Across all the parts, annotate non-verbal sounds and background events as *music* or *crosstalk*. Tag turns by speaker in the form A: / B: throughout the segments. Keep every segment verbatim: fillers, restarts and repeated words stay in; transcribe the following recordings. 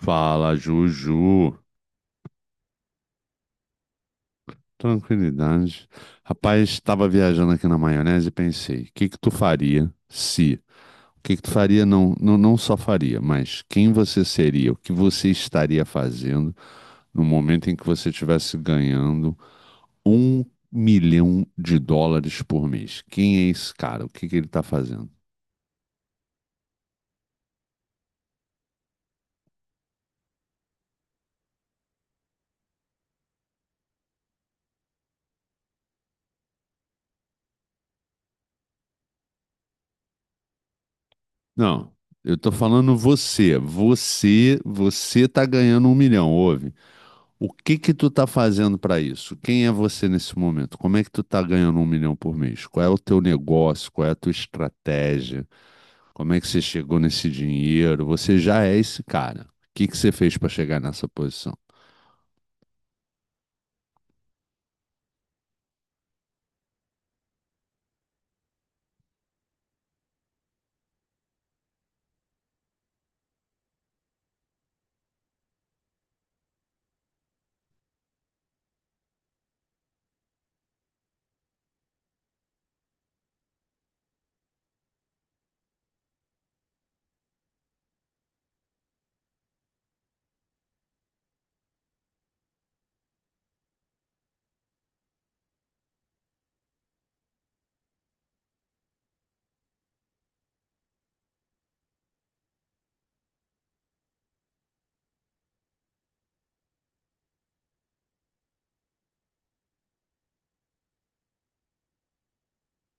A: Fala, Juju. Tranquilidade. Rapaz, estava viajando aqui na maionese e pensei, o que que tu faria se... O que que tu faria, não, não, não só faria, mas quem você seria, o que você estaria fazendo no momento em que você estivesse ganhando um milhão de dólares por mês? Quem é esse cara? O que que ele está fazendo? Não, eu tô falando você. Você, você tá ganhando um milhão, ouve? O que que tu tá fazendo para isso? Quem é você nesse momento? Como é que tu tá ganhando um milhão por mês? Qual é o teu negócio? Qual é a tua estratégia? Como é que você chegou nesse dinheiro? Você já é esse cara. O que que você fez para chegar nessa posição?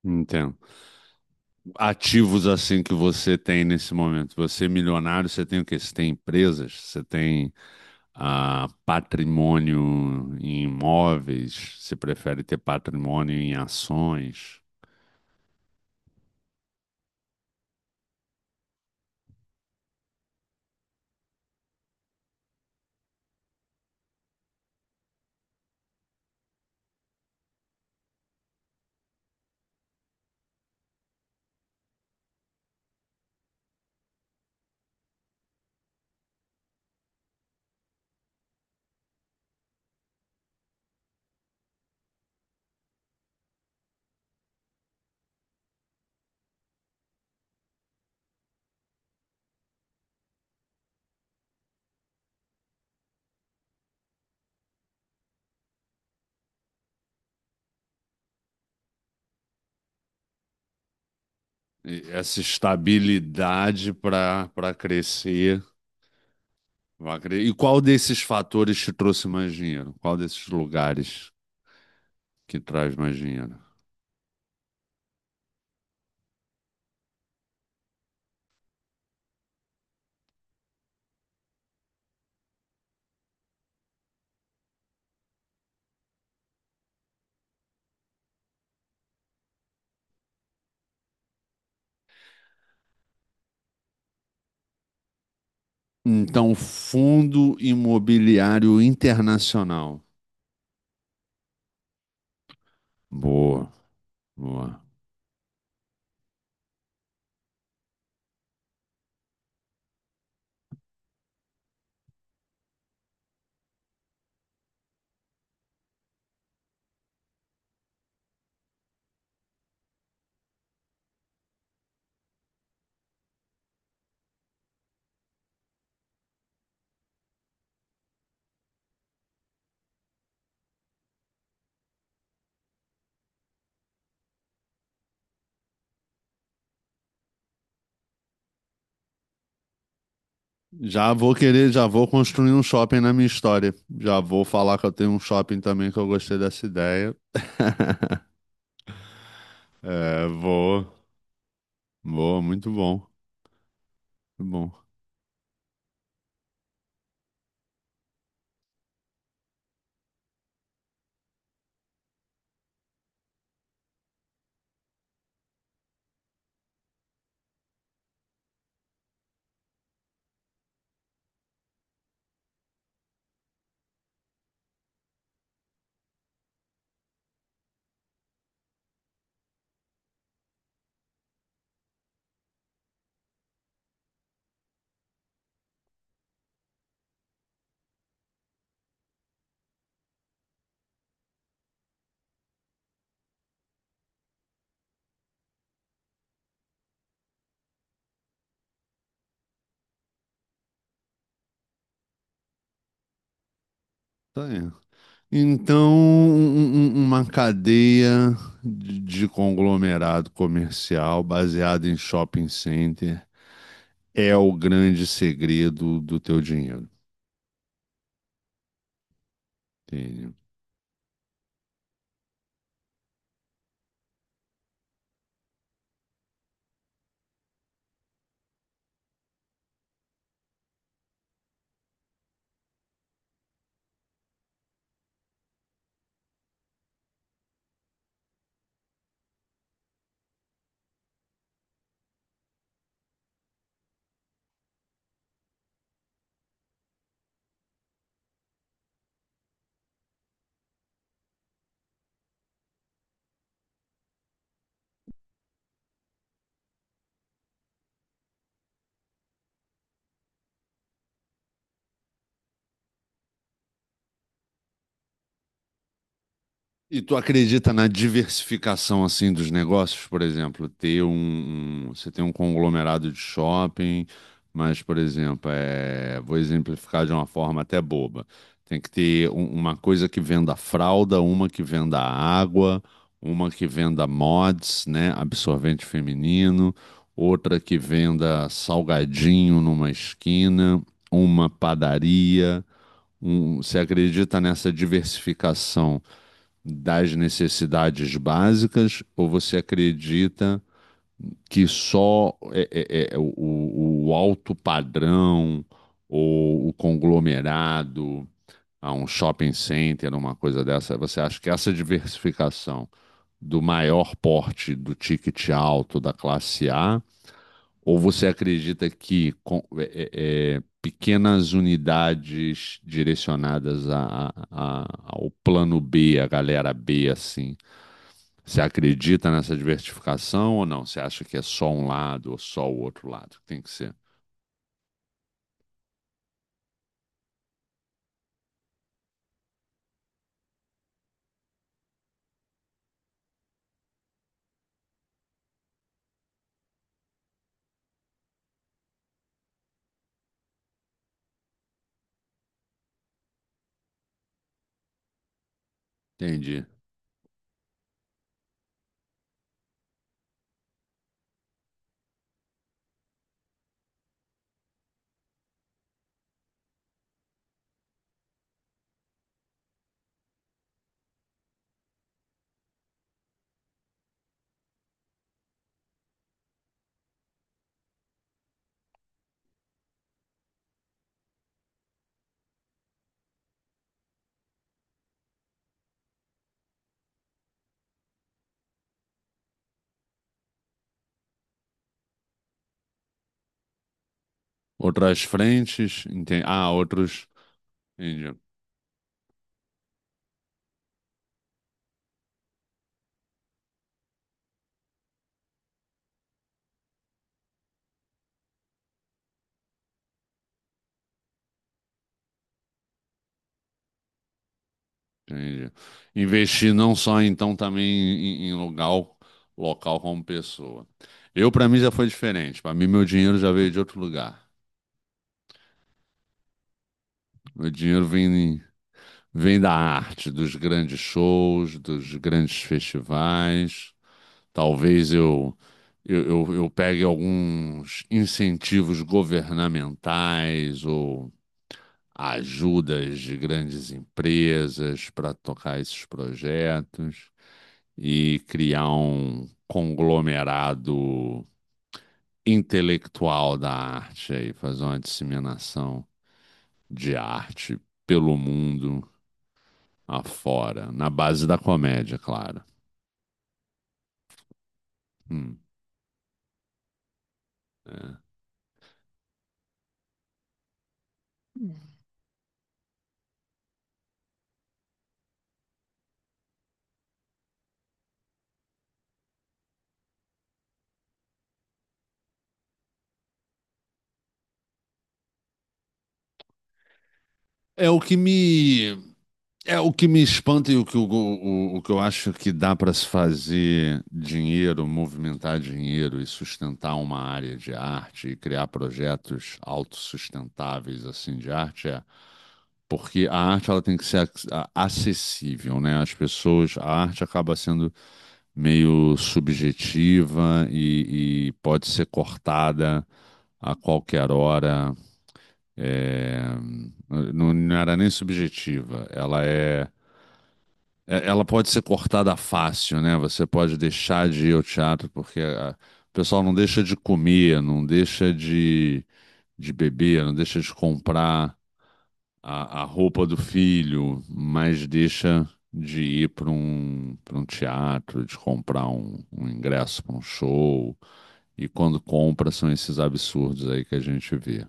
A: Entendo. Ativos assim que você tem nesse momento. Você é milionário, você tem o quê? Você tem empresas, você tem ah, patrimônio em imóveis, você prefere ter patrimônio em ações. E essa estabilidade para para crescer, vai cre- e qual desses fatores te trouxe mais dinheiro? Qual desses lugares que traz mais dinheiro? Então, Fundo Imobiliário Internacional. Boa, boa. Já vou querer, já vou construir um shopping na minha história. Já vou falar que eu tenho um shopping também, que eu gostei dessa ideia. *laughs* É, vou, vou, muito bom, muito bom. Tá aí. Então, um- um- um, uma cadeia de de conglomerado comercial baseada em shopping center é o grande segredo do teu dinheiro. Entende? E tu acredita na diversificação assim dos negócios, por exemplo, ter um, um- você tem um conglomerado de shopping, mas, por exemplo, é, vou exemplificar de uma forma até boba. Tem que ter um- uma coisa que venda fralda, uma que venda água, uma que venda mods, né, absorvente feminino, outra que venda salgadinho numa esquina, uma padaria. Um, você acredita nessa diversificação das necessidades básicas, ou você acredita que só é, é, é, o, o alto padrão ou o conglomerado, a um shopping center, uma coisa dessa? Você acha que essa diversificação do maior porte, do ticket alto, da classe A, ou você acredita que com- é- é- é, pequenas unidades direcionadas a- a- a- ao plano B, a galera B, assim, você acredita nessa diversificação ou não? Você acha que é só um lado ou só o outro lado? Tem que ser. Entendi. Outras frentes, entendi. Ah, outros. Entendi. Entendi. Investir não só então também em, em local, local como pessoa. Eu, para mim, já foi diferente. Para mim, meu dinheiro já veio de outro lugar. Meu dinheiro vem, vem da arte, dos grandes shows, dos grandes festivais. Talvez eu, eu, eu, eu pegue alguns incentivos governamentais ou ajudas de grandes empresas para tocar esses projetos e criar um conglomerado intelectual da arte aí, fazer uma disseminação de arte pelo mundo afora, na base da comédia, claro. Hum, é. É o que me É o que me espanta, e o que, eu- o, o, que eu acho, que dá para se fazer dinheiro, movimentar dinheiro e sustentar uma área de arte e criar projetos autossustentáveis assim de arte é porque a arte, ela tem que ser ac- a- acessível, né? As pessoas, a arte acaba sendo meio subjetiva e, e pode ser cortada a qualquer hora. É, não, não era nem subjetiva, ela é é- ela pode ser cortada fácil, né? Você pode deixar de ir ao teatro, porque a- o pessoal não deixa de comer, não deixa de, de beber, não deixa de comprar a, a roupa do filho, mas deixa de ir para um, para um teatro, de comprar um, um ingresso para um show. E quando compra, são esses absurdos aí que a gente vê.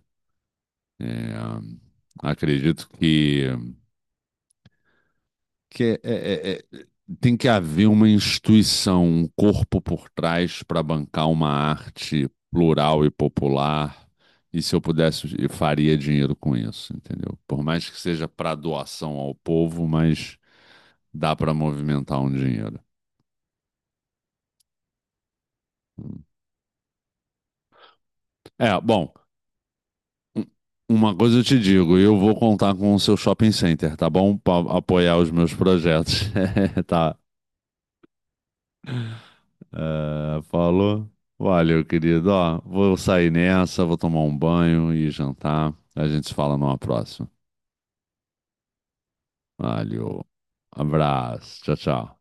A: É, ah, acredito que. que é, é- é- é- tem que haver uma instituição, um corpo por trás para bancar uma arte plural e popular. E se eu pudesse, eu faria dinheiro com isso, entendeu? Por mais que seja para doação ao povo, mas dá para movimentar um dinheiro. É, bom, um- uma coisa eu te digo: eu vou contar com o seu shopping center, tá bom? Para apoiar os meus projetos. *laughs* Tá, é, falou. Valeu, querido. Ó, vou sair nessa, vou tomar um banho e jantar. A gente se fala numa próxima. Valeu. Abraço. Tchau, tchau.